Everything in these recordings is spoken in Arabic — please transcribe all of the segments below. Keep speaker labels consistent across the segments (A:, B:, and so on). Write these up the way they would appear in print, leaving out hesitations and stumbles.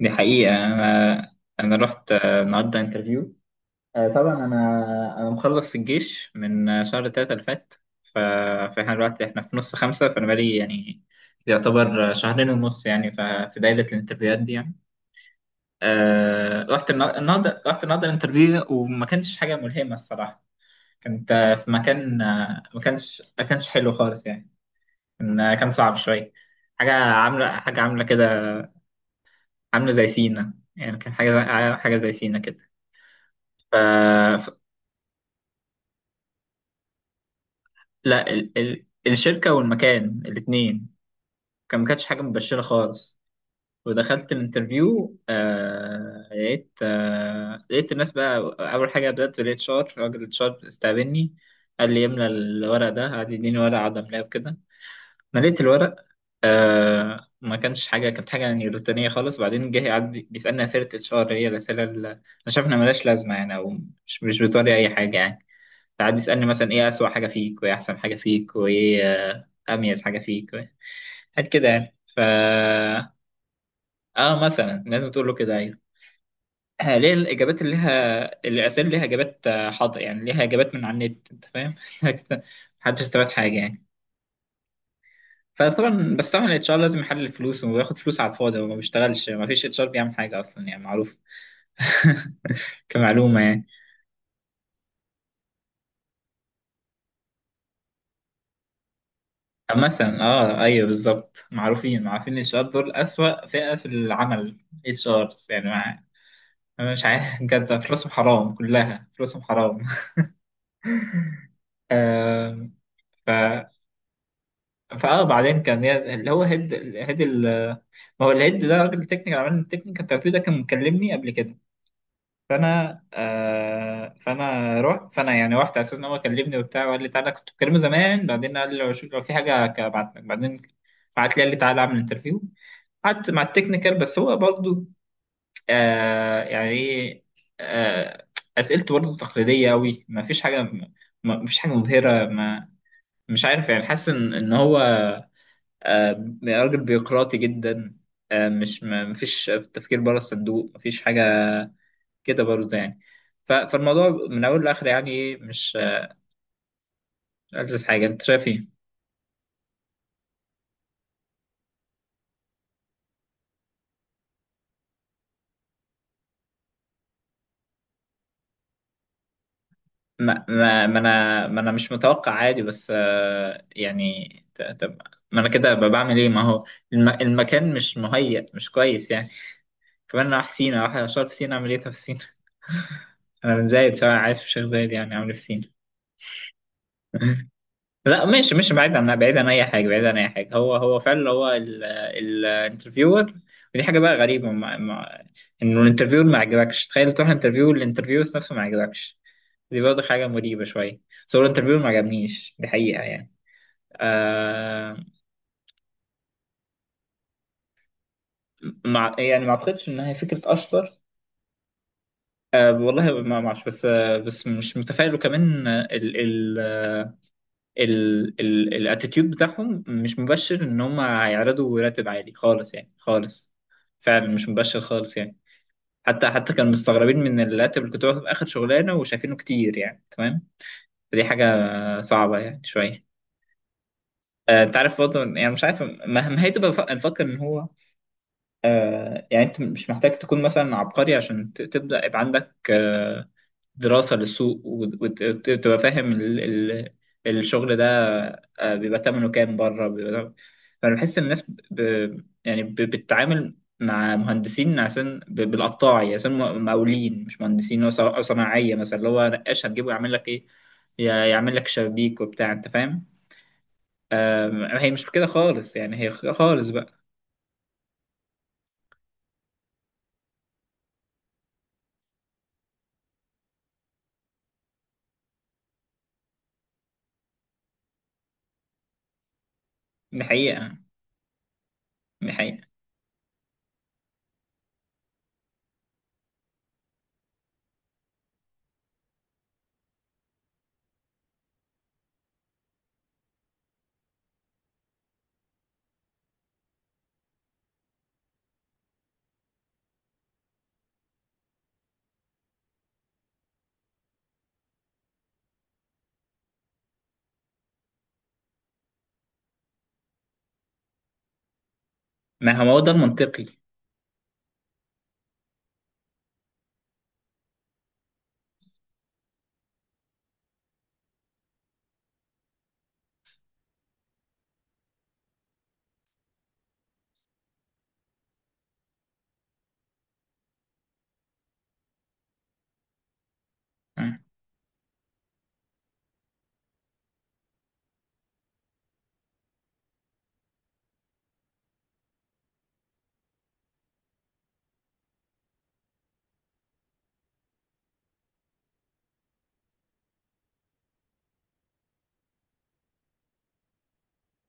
A: دي حقيقة أنا رحت النهاردة انترفيو. طبعا أنا مخلص الجيش من شهر 3 اللي فات. ف- فإحنا دلوقتي إحنا في نص 5، فأنا بقالي يعني يعتبر شهرين ونص يعني في دايرة الانترفيوهات دي يعني. النهاردة رحت النهاردة الانترفيو، وما كانش حاجة ملهمة الصراحة. كنت في مكان، ما كانش حلو خالص يعني. كان كان صعب شوية، حاجة عاملة كده، عامله زي سينا يعني. كان حاجه زي سينا كده. ف... ف- لا، الشركه والمكان الاثنين كان ما كانتش حاجه مبشره خالص. ودخلت الانترفيو لقيت لقيت الناس بقى. اول حاجه بدات بالاتش ار، راجل الاتش ار استقبلني، قال لي املى الورق ده، قعد يديني ورقه اقعد املاه وكده. مليت الورق. آه، ما كانش حاجه، كانت حاجه يعني روتينيه خالص. بعدين جه يعدي بيسالني اسئله اتش ار، هي الاسئله اللي انا شايف انها ملهاش لازمه يعني، او مش بتوري اي حاجه يعني. تعدي يسالني مثلا ايه اسوأ حاجه فيك، وايه احسن حاجه فيك، وايه اميز حاجه فيك، و- حاجات كده يعني. ف اه، مثلا لازم تقول له كده، ايوه، ليه الاجابات اللي لها، الاسئله ليها اجابات، حاضر يعني، ليها اجابات من على النت، انت فاهم. محدش استفاد حاجه يعني. فطبعا، بس طبعا الاتش ار لازم يحلل الفلوس وياخد فلوس على الفاضي. هو ما بيشتغلش، ما فيش اتش ار بيعمل حاجه اصلا يعني، معروف. كمعلومه يعني. أما مثلا اه ايوه بالظبط، معروفين الاتش ار دول اسوأ فئه في العمل، اتش ارز يعني. مع... انا مش عارف. بجد فلوسهم حرام، كلها فلوسهم حرام. آم، ف فاه، بعدين كان ليا- اللي هو هيد، ال-. ما هو الهيد ده راجل تكنيكال، عمل التكنيكال التوفيق ده كان مكلمني قبل كده. فانا رحت، فانا يعني رحت على اساس ان هو كلمني وبتاع، وقال لي تعالى، كنت بكلمه زمان. بعدين قال لي لو شو- لو في حاجه هبعت لك بعدين. بعت لي، قال لي تعالى اعمل انترفيو. قعدت مع التكنيكال، بس هو برضه يعني ايه، آه اسئلته برضه تقليديه قوي، ما فيش حاجه، ما فيش حاجه مبهره. ما، مش عارف يعني، حاسس ان هو راجل بيقراطي جدا. مش، ما فيش تفكير بره الصندوق، ما فيش حاجه كده برضه يعني. فالموضوع من اول لاخر يعني ايه، مش ألذ حاجه. انت شايف ايه؟ ما, ما, ما انا ما انا مش متوقع عادي، بس يعني ت- طب ما انا كده أبقى بعمل ايه؟ ما هو الم المكان مش مهيأ، مش كويس يعني. كمان انا رايح سينا، رايح اشتغل في سينا، اعمل ايه طب في سينا؟ انا من زايد، سواء عايز في شيخ زايد، يعني اعمل إيه في سينا؟ لا، مش بعيد عن اي حاجه، بعيد عن اي حاجه، هو هو فعلا هو الانترفيور. ودي حاجه بقى غريبه، مع انه الانترفيور ما عجبكش، تخيل تروح انترفيو الانترفيو نفسه ما عجبكش. دي برضه حاجه مريبه شويه، بس هو الانترفيو ما عجبنيش، دي حقيقه يعني. آه، مع يعني، ما اعتقدش انها هي فكره اشطر. آه والله، ما ما اعرفش، بس آه، بس مش متفائل، وكمان الاتيتيود بتاعهم مش مبشر ان هم هيعرضوا راتب عالي خالص يعني، خالص. فعلا مش مبشر خالص يعني. حتى كانوا مستغربين من الراتب اللي كنت باخده في اخر شغلانه، وشايفينه كتير يعني. تمام، فدي حاجه صعبه يعني شويه. انت عارف برضه يعني، مش عارف، ما ما هي تبقى بف- نفكر ان هو يعني انت مش محتاج تكون مثلا عبقري عشان ت- تبدا يبقى عندك دراسة للسوق، وتبقى فاهم الشغل ده، بيبقى تمنه كام بره، بيبقى... فأنا بحس الناس ب... ب- يعني ب... بتتعامل مع مهندسين، عشان ب... بالقطاعي، عشان م- مقاولين مش مهندسين. هو ص- أو صناعية مثلا، اللي هو نقاش هتجيبه يعمل لك إيه؟ ي- يعمل لك شبابيك وبتاع، أنت فاهم. هي مش كده خالص يعني، هي خ- خالص بقى. دي حقيقة، دي حقيقة. ما هو ده المنطقي.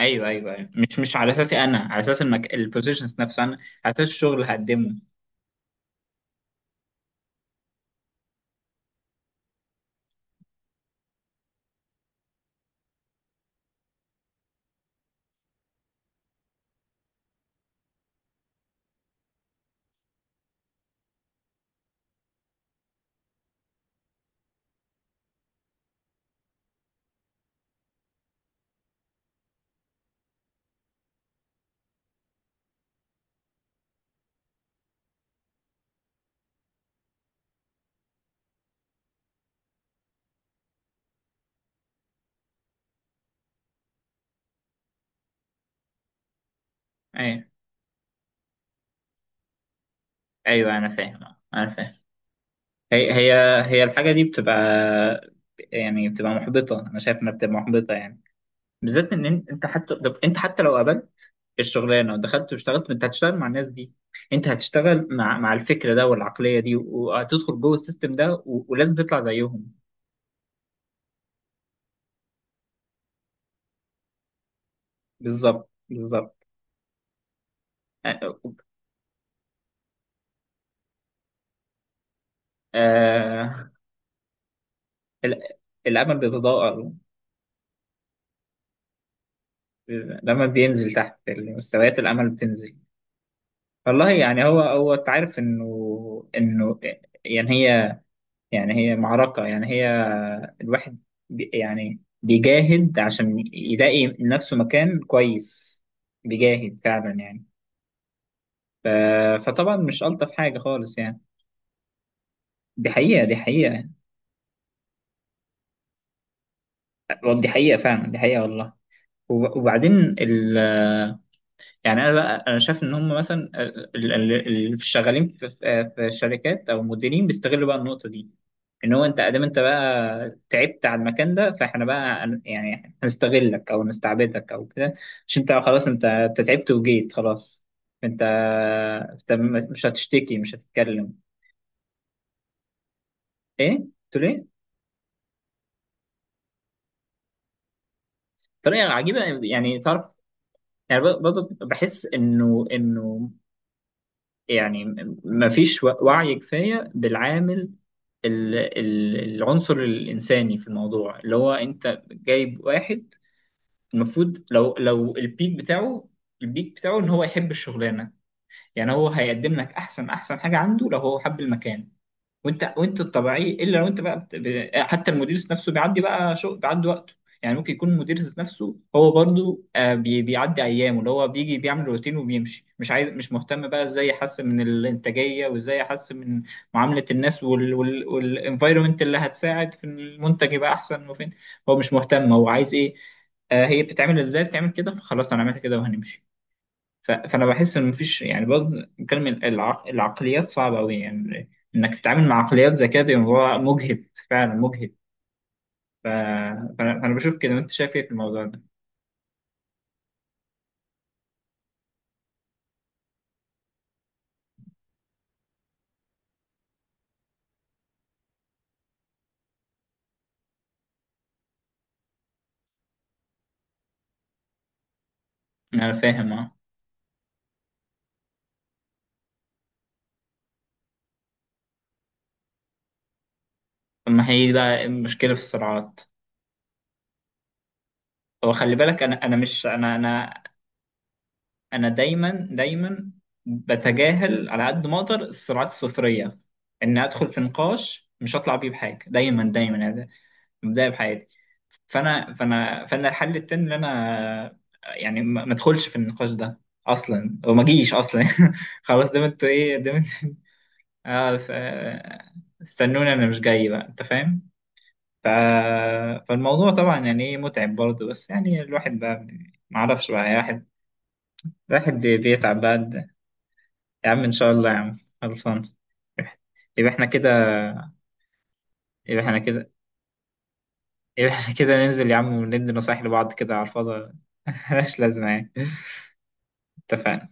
A: ايوه ايوه ايوه، مش على اساسي انا، على اساس المك... البوزيشنز نفسها انا، على اساس الشغل اللي هقدمه. ايوه ايوه، انا فاهم، انا فاهم. هي هي هي الحاجه دي بتبقى يعني بتبقى محبطه، انا شايف انها بتبقى محبطه يعني، بالذات انت حتى، طب انت حتى لو قابلت الشغلانه ودخلت واشتغلت، انت هتشتغل مع الناس دي، انت هتشتغل مع الفكر ده والعقليه دي، وهتدخل جوه السيستم ده، ولازم تطلع زيهم. بالظبط، بالظبط. آه... آه... ال- الامل بيتضاءل، لما بينزل تحت مستويات الامل بتنزل. والله يعني، هو انت عارف انه انه يعني هي، يعني هي معركه يعني، هي الواحد بي يعني بيجاهد عشان يلاقي لنفسه مكان كويس، بيجاهد فعلا يعني. فطبعا مش الطف حاجه خالص يعني. دي حقيقه، دي حقيقه، دي حقيقه فعلا، دي حقيقه والله. وبعدين يعني، انا بقى انا شايف ان هم مثلا اللي شغالين في الشركات او المديرين، بيستغلوا بقى النقطه دي، ان هو انت ادام، انت بقى تعبت على المكان ده، فاحنا بقى هن- يعني هنستغلك او نستعبدك او كده. مش انت خلاص، انت تعبت وجيت خلاص، انت انت م- مش هتشتكي مش هتتكلم. ايه قلت له ايه؟ طريقه عجيبه يعني تعرف. يعني ب- برضه بحس انه انه يعني مفيش وعي كفايه بالعامل، العنصر الإنساني في الموضوع، اللي هو أنت جايب واحد المفروض، لو البيك بتاعه، البيك بتاعه إن هو يحب الشغلانة. يعني هو هيقدم لك أحسن حاجة عنده لو هو حب المكان. وانت الطبيعي الا لو انت بقى بت... ب- حتى المدير ذات نفسه بيعدي بقى شو، بيعدي وقته يعني. ممكن يكون المدير ذات نفسه هو برضو بي... بيعدي ايامه، اللي هو بيجي بيعمل روتين وبيمشي، مش عايز مش مهتم بقى ازاي يحسن من الانتاجيه، وازاي يحسن من معامله الناس، والانفايرمنت اللي هتساعد في المنتج يبقى احسن. وفين هو، مش مهتم، هو عايز ايه؟ آه هي بتتعمل ازاي، بتعمل كده، فخلاص انا عملت كده وهنمشي. فانا بحس ان مفيش يعني برضه، نتكلم، العقليات صعبه قوي يعني. انك تتعامل مع عقليات زي كده، بيبقى الموضوع مجهد فعلا، مجهد. ف- فانا فأنا بشوف كده، وانت شايف ايه في الموضوع ده؟ انا فاهم اه. طب ما هي بقى المشكله في الصراعات؟ هو خلي بالك، انا انا مش انا انا انا دايما دايما بتجاهل على قد ما اقدر الصراعات الصفريه، ان ادخل في نقاش مش هطلع بيه بحاجه دايما دايما يعني. بدايه بحياتي، فانا الحل التاني ان انا يعني ما ما ادخلش في النقاش ده اصلا، وما اجيش اصلا. خلاص، دام انتوا ايه، دام انتوا. اه س- استنوني، انا مش جاي بقى، انت فاهم. ف... فالموضوع طبعا يعني ايه متعب برضه، بس يعني الواحد بقى ما اعرفش بقى يا واحد. الواحد بي- بيتعب بقى ده. يا عم ان شاء الله، يا عم خلصان. يبقى احنا كده. يبقى احنا كده يبقى احنا كده ننزل يا عم وندي نصايح لبعض كده على الفاضي. ملهاش لازمة يعني. اتفقنا.